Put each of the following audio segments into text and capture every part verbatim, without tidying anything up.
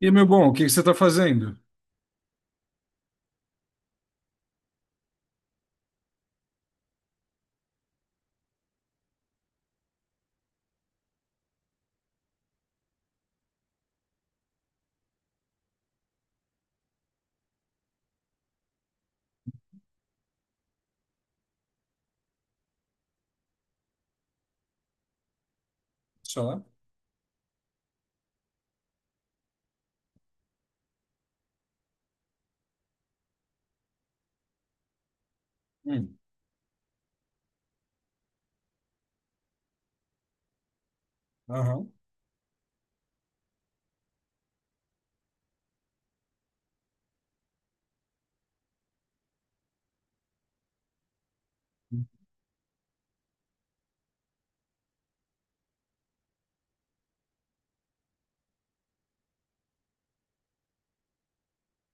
E, meu bom, o que que você está fazendo? Só? Hum, aham.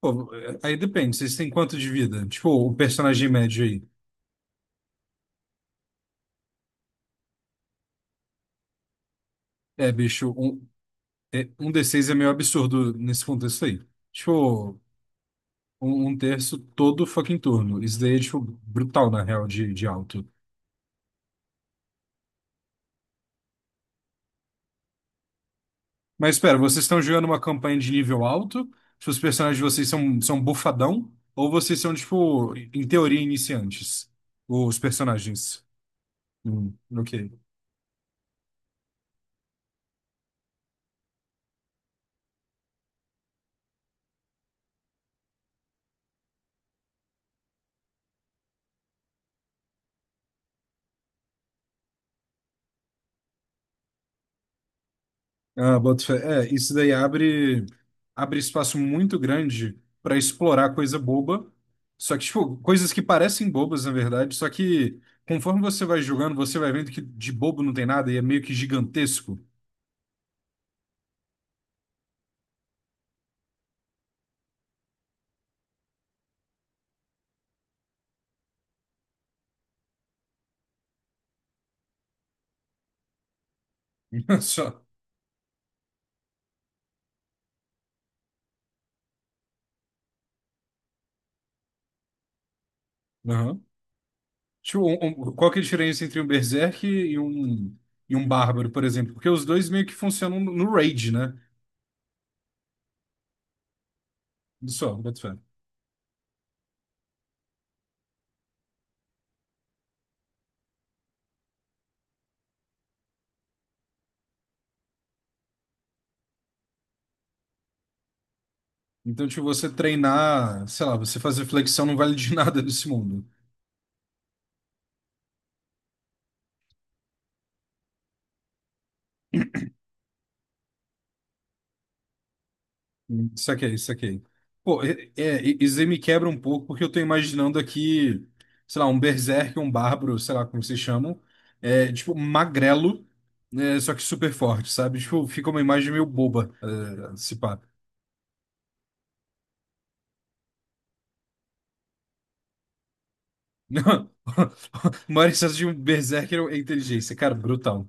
Pô, é, aí depende, vocês têm quanto de vida? Tipo, o personagem médio aí. É, bicho, um, é, um d seis é meio absurdo nesse contexto aí. Tipo, um, um terço todo fucking turno. Isso daí é, tipo, brutal, na real, de, de alto. Mas espera, vocês estão jogando uma campanha de nível alto? Tipo, os personagens de vocês são, são bufadão? Ou vocês são, tipo, em teoria, iniciantes? Os personagens. Hum, ok. Ah, boto fé. É, isso daí abre, abre espaço muito grande para explorar coisa boba. Só que, tipo, coisas que parecem bobas, na verdade. Só que conforme você vai jogando, você vai vendo que de bobo não tem nada e é meio que gigantesco. Só. Aham. Tipo, um- um- qual que é a diferença entre um Berserk e um, e um Bárbaro, por exemplo? Porque os dois meio que funcionam no no raid, né? Só, boto fé. Então, tipo, você treinar, sei lá, você fazer flexão não vale de nada nesse mundo. Hum, Saquei, saquei. Pô, é, é, isso aí me quebra um pouco, porque eu tô imaginando aqui, sei lá, um berserk, um bárbaro, sei lá como vocês chamam, é, tipo, magrelo, né, só que super forte, sabe? Tipo, fica uma imagem meio boba, é, se pá. Não, O maior excesso de um berserker é inteligência, cara, brutal.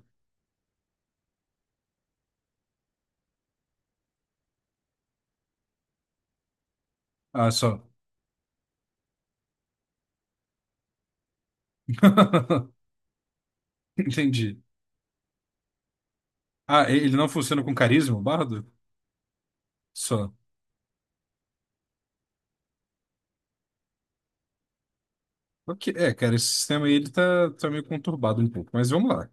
Ah, só. Entendi. Ah, ele não funciona com carisma, o bardo? Só. Ok, é, cara, esse sistema aí, ele tá, tá meio conturbado um pouco, mas vamos lá.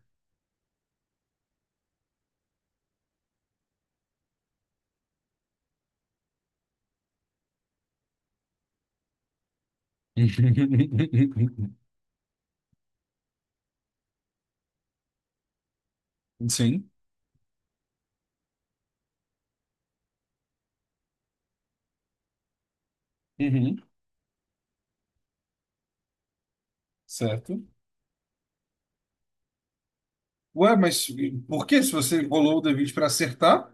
Sim. Uhum. Certo. Ué, mas por que se você rolou o D vinte para acertar?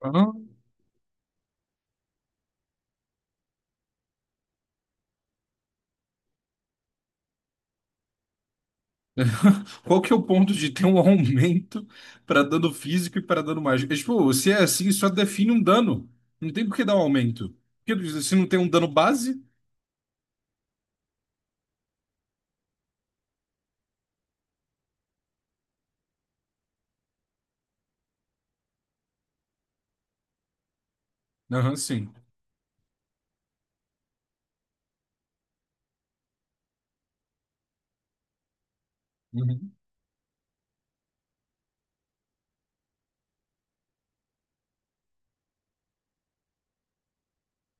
Ah, Qual que é o ponto de ter um aumento para dano físico e para dano mágico? É, tipo, se é assim, só define um dano. Não tem por que dar um aumento. Porque se não tem um dano base. Aham, sim. Uhum.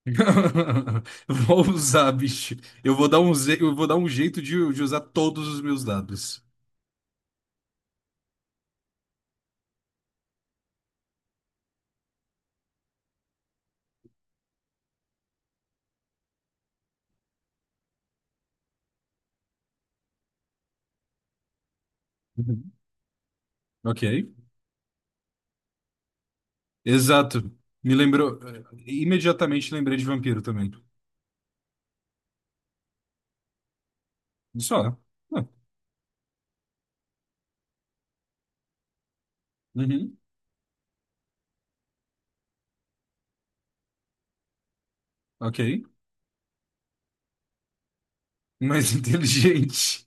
Vou usar, bicho. Eu vou dar um, ze- eu vou dar um jeito de, de usar todos os meus dados. Ok. Exato. Me lembrou. eh, Imediatamente lembrei de vampiro também. Só. Ah, uhum. Ok. Mais inteligente.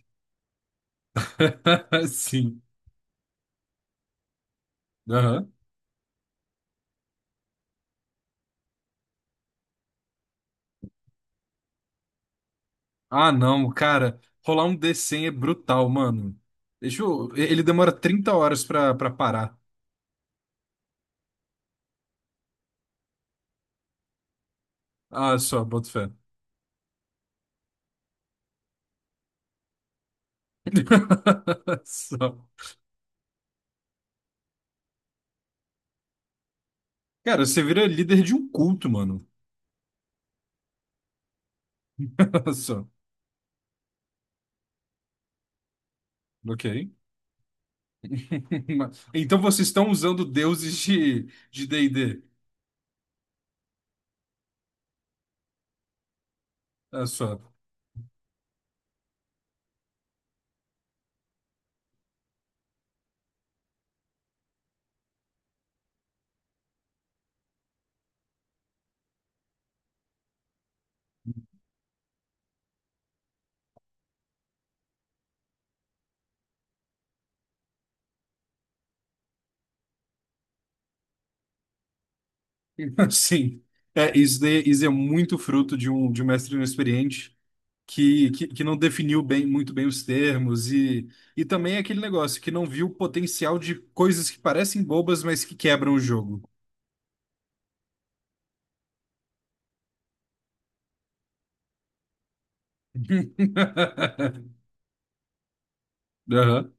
Sim. Aham. Ah, não, cara. Rolar um D cem é brutal, mano. Deixa eu... Ele demora trinta horas pra, pra parar. Ah, só, boto fé. Só. Cara, você vira líder de um culto, mano. Só. Ok. Então vocês estão usando deuses de de D e D. Olha só. Sim, é, isso, daí- isso é muito fruto de um, de um mestre inexperiente que, que, que não definiu bem, muito bem os termos e, e também é aquele negócio que não viu o potencial de coisas que parecem bobas, mas que quebram o jogo. Aham,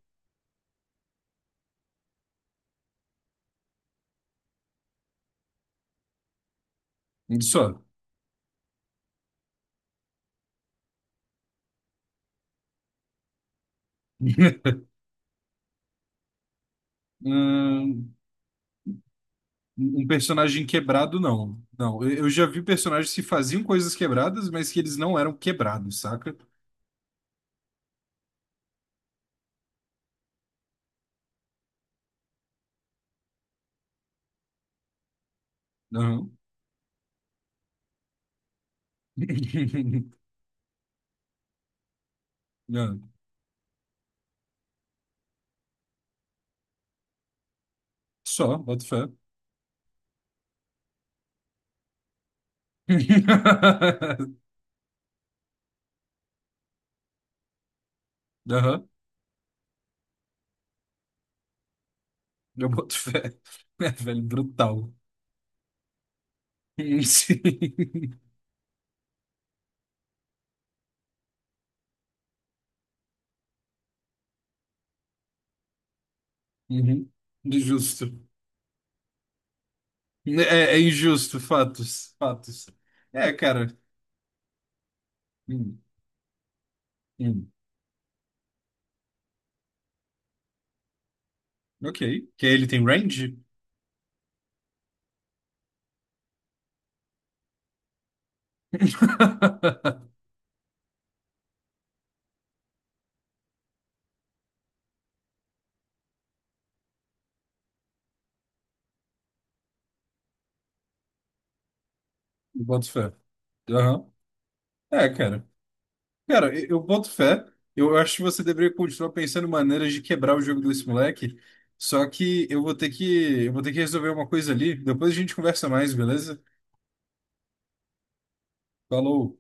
Só. Hum, Um personagem quebrado, não. Não, eu eu já vi personagens que faziam coisas quebradas, mas que eles não eram quebrados, saca? Aham. Não. Só, boto fé. Aham, eu boto fé. É, velho, brutal. Sim. Uhum. Justo. É, é injusto, fatos, fatos. É, cara. Hum, hum. Ok. Que ele tem range? Eu boto fé. Aham. É, cara. Cara, eu, eu boto fé. Eu acho que você deveria continuar pensando em maneiras de quebrar o jogo desse moleque. Só que eu vou ter que, eu vou ter que resolver uma coisa ali. Depois a gente conversa mais, beleza? Falou.